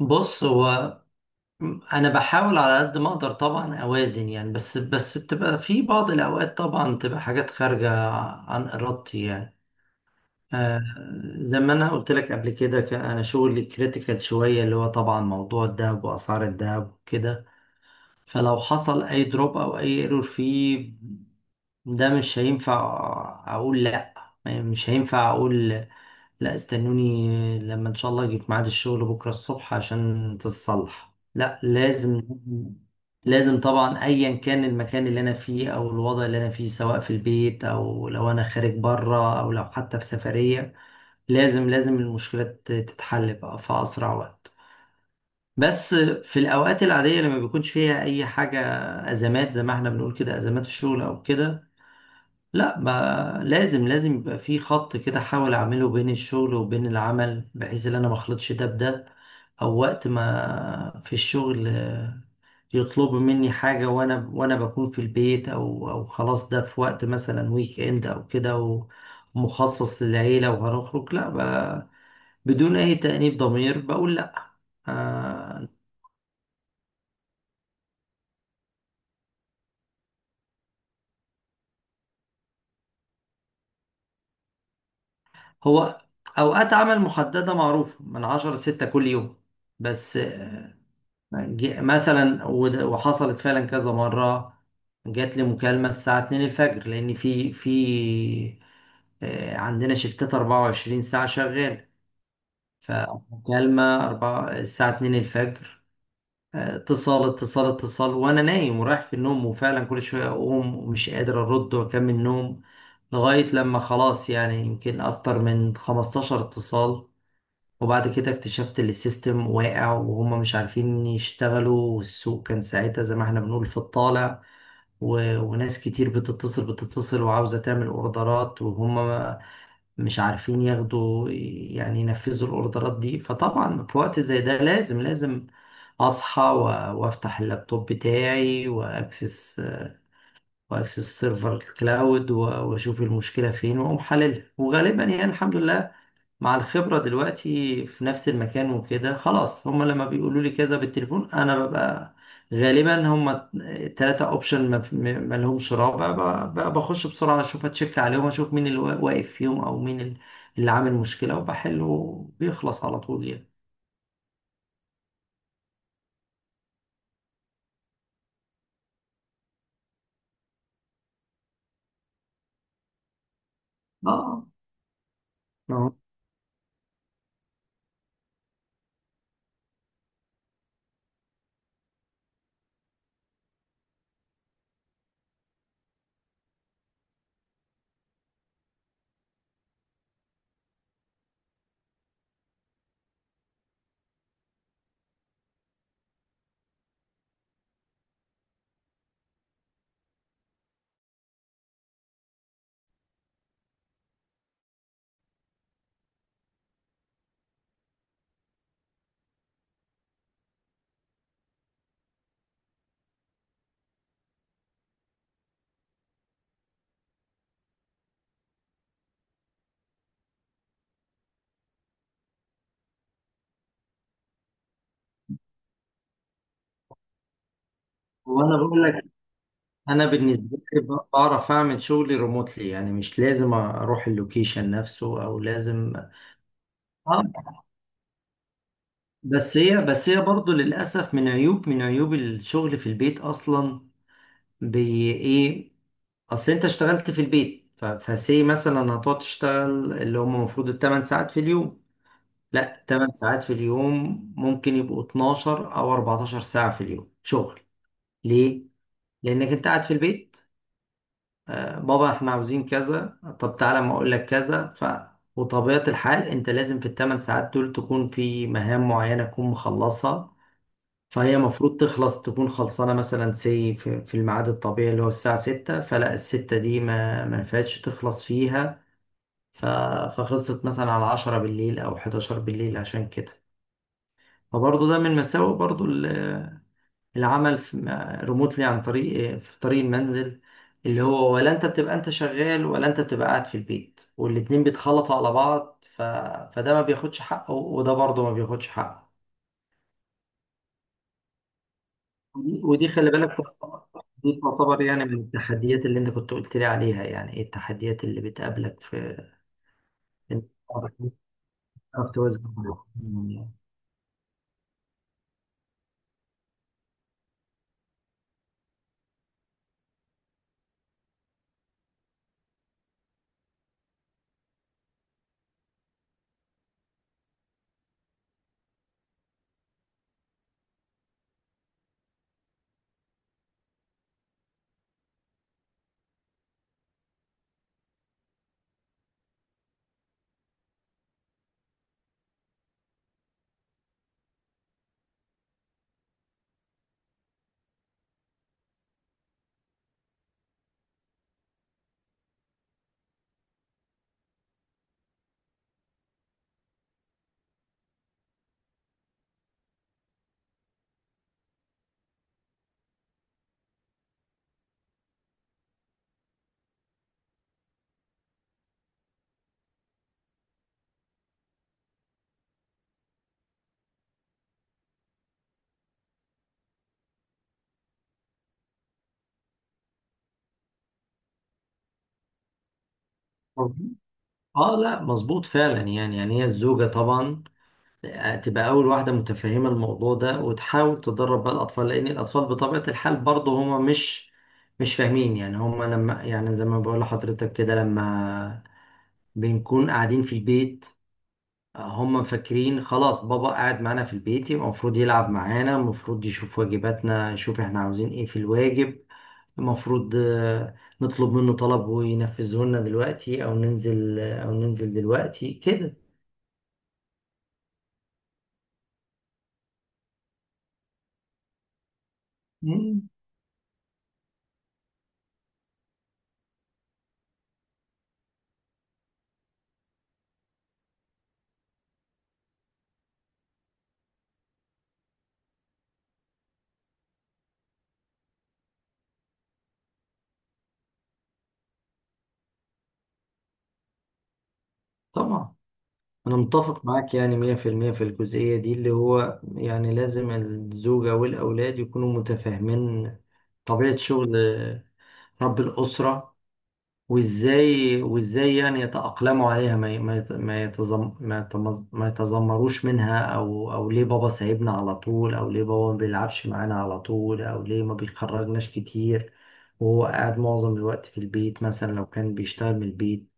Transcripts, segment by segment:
بص هو انا بحاول على قد ما اقدر طبعا اوازن يعني بس بتبقى في بعض الاوقات طبعا تبقى حاجات خارجه عن ارادتي يعني. آه. زي ما انا قلت لك قبل كده كان انا شغلي كريتيكال شويه اللي هو طبعا موضوع الذهب واسعار الذهب وكده، فلو حصل اي دروب او اي ايرور فيه، ده مش هينفع اقول لا، مش هينفع اقول لا استنوني لما ان شاء الله اجي في ميعاد الشغل بكره الصبح عشان تتصلح، لا، لازم لازم طبعا ايا كان المكان اللي انا فيه او الوضع اللي انا فيه سواء في البيت او لو انا خارج بره او لو حتى في سفريه، لازم لازم المشكلة تتحل بقى في أسرع وقت. بس في الأوقات العادية لما بيكونش فيها أي حاجة أزمات زي ما احنا بنقول كده، أزمات في الشغل أو كده، لا ما لازم لازم يبقى في خط كده احاول اعمله بين الشغل وبين العمل بحيث ان انا ما اخلطش ده بده. او وقت ما في الشغل يطلبوا مني حاجة وانا بكون في البيت او خلاص ده في وقت مثلا ويك اند او كده ومخصص للعيلة وهنخرج، لا، بدون اي تأنيب ضمير بقول لا. آه. هو اوقات عمل محددة معروفة من عشرة لستة كل يوم. بس وحصلت فعلا كذا مرة، جات لي مكالمة الساعة 2 الفجر لأن في عندنا شفتات 24 ساعة شغال. فمكالمة أربعة الساعة 2 الفجر، اتصال اتصال اتصال وأنا نايم ورايح في النوم وفعلا كل شوية أقوم ومش قادر أرد وأكمل نوم لغاية لما خلاص يعني يمكن أكتر من 15 اتصال. وبعد كده اكتشفت ان السيستم واقع وهم مش عارفين يشتغلوا والسوق كان ساعتها زي ما احنا بنقول في الطالع، وناس كتير بتتصل وعاوزة تعمل اوردرات وهم ما- مش عارفين ياخدوا يعني ينفذوا الاوردرات دي، فطبعا في وقت زي ده لازم لازم اصحى وافتح اللابتوب بتاعي واكسس سيرفر الكلاود واشوف المشكلة فين واقوم حللها. وغالبا يعني الحمد لله مع الخبرة دلوقتي في نفس المكان وكده خلاص هما لما بيقولوا لي كذا بالتليفون انا ببقى غالبا هما تلاتة اوبشن ما لهمش رابع، بخش بسرعة اشوف اتشك عليهم اشوف مين اللي واقف فيهم او مين اللي عامل مشكلة وبحله بيخلص على طول يعني. اه. آه. وانا بقول لك انا بالنسبة لي بعرف اعمل شغلي ريموتلي يعني مش لازم اروح اللوكيشن نفسه او لازم. اه. بس هي برضه للأسف من عيوب من عيوب الشغل في البيت أصلا. بي إيه؟ أصل أنت اشتغلت في البيت، فسي مثلا هتقعد تشتغل اللي هم المفروض التمن ساعات في اليوم، لا التمن ساعات في اليوم ممكن يبقوا 12 أو 14 ساعة في اليوم شغل. ليه؟ لأنك أنت قاعد في البيت. آه بابا إحنا عاوزين كذا، طب تعالى ما أقول لك كذا. ف وطبيعة الحال أنت لازم في التمن ساعات دول تكون في مهام معينة تكون مخلصها، فهي المفروض تخلص تكون خلصانة مثلا سي في في الميعاد الطبيعي اللي هو الساعة ستة، فلا الستة دي ما ينفعش تخلص فيها. ف... فخلصت مثلا على عشرة بالليل أو حداشر بالليل عشان كده. فبرضه ده من مساوئ برضه العمل في ريموتلي عن طريق في طريق المنزل، اللي هو ولا أنت بتبقى أنت شغال ولا أنت بتبقى قاعد في البيت والاتنين بيتخلطوا على بعض. فده ما بياخدش حقه وده برضه ما بياخدش حقه. ودي خلي بالك، دي تعتبر يعني من التحديات اللي انت كنت قلت لي عليها، يعني ايه التحديات اللي بتقابلك في انك تعرف توازن يعني. اه لا مظبوط فعلا يعني يعني هي الزوجة طبعا تبقى اول واحدة متفهمة الموضوع ده وتحاول تدرب بقى الاطفال، لان الاطفال بطبيعة الحال برضه هما مش فاهمين يعني، هما لما يعني زي ما بقول لحضرتك كده لما بنكون قاعدين في البيت، هم فاكرين خلاص بابا قاعد معانا في البيت يبقى المفروض يلعب معانا، المفروض يشوف واجباتنا، يشوف احنا عاوزين ايه في الواجب، المفروض نطلب منه طلب وينفذه لنا دلوقتي، او ننزل دلوقتي كده. مم. طبعا انا متفق معاك يعني 100% في المية في الجزئية دي اللي هو يعني لازم الزوجة والاولاد يكونوا متفاهمين طبيعة شغل رب الأسرة. وازاي يعني يتأقلموا عليها، ما ي- ما يت- ما يتزم ما يتمز- ما يتذمروش منها، او ليه بابا سايبنا على طول، او ليه بابا ما بيلعبش معانا على طول، او ليه ما بيخرجناش كتير وهو قاعد معظم الوقت في البيت مثلا لو كان بيشتغل من البيت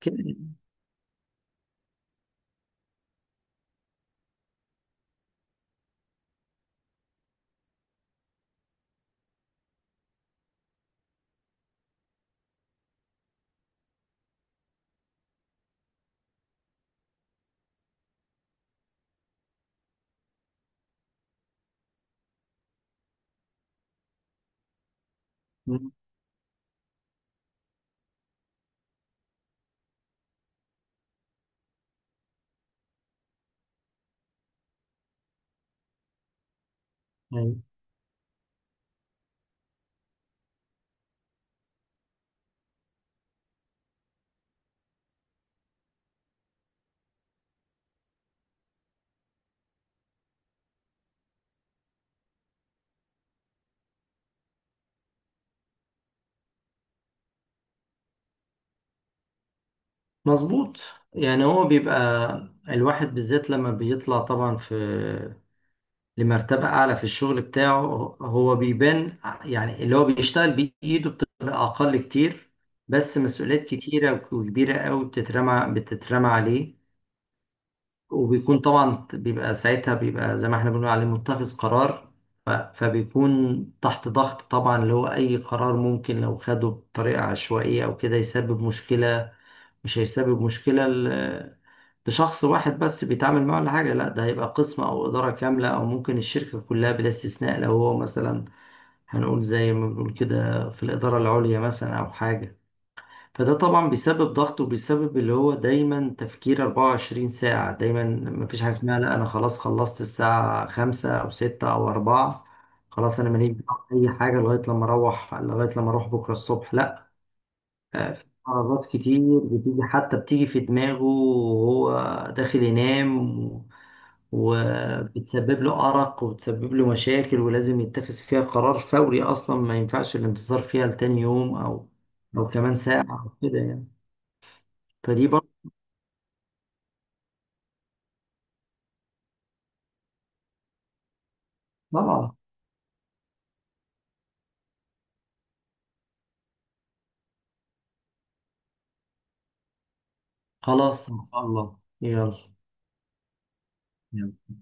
كده يعني. مظبوط. يعني هو بيبقى الواحد بالذات لما بيطلع طبعا في لمرتبة أعلى في الشغل بتاعه، هو بيبان يعني اللي هو بيشتغل بإيده بتبقى أقل كتير، بس مسؤوليات كتيرة وكبيرة أوي بتترمى عليه. وبيكون طبعا بيبقى ساعتها بيبقى زي ما احنا بنقول عليه متخذ قرار، فبيكون تحت ضغط طبعا، اللي هو أي قرار ممكن لو خده بطريقة عشوائية أو كده يسبب مشكلة، مش هيسبب مشكلة لشخص واحد بس بيتعامل معه ولا حاجة، لا ده هيبقى قسم أو إدارة كاملة أو ممكن الشركة كلها بلا استثناء، لو هو مثلا هنقول زي ما بنقول كده في الإدارة العليا مثلا أو حاجة، فده طبعا بيسبب ضغط وبيسبب اللي هو دايما تفكير 24 ساعة دايما. مفيش حاجة اسمها لا أنا خلاص خلصت الساعة خمسة أو ستة أو أربعة، خلاص أنا ماليش دعوة بأي حاجة لغاية لما أروح لغاية لما أروح بكرة الصبح، لا، في عربات كتير بتيجي حتى بتيجي في دماغه وهو داخل ينام وبتسبب له أرق وبتسبب له مشاكل ولازم يتخذ فيها قرار فوري أصلا ما ينفعش الانتظار فيها لتاني يوم أو كمان ساعة أو كده يعني. فدي برضه. طبعا. خلاص إن شاء الله يلا. يلا.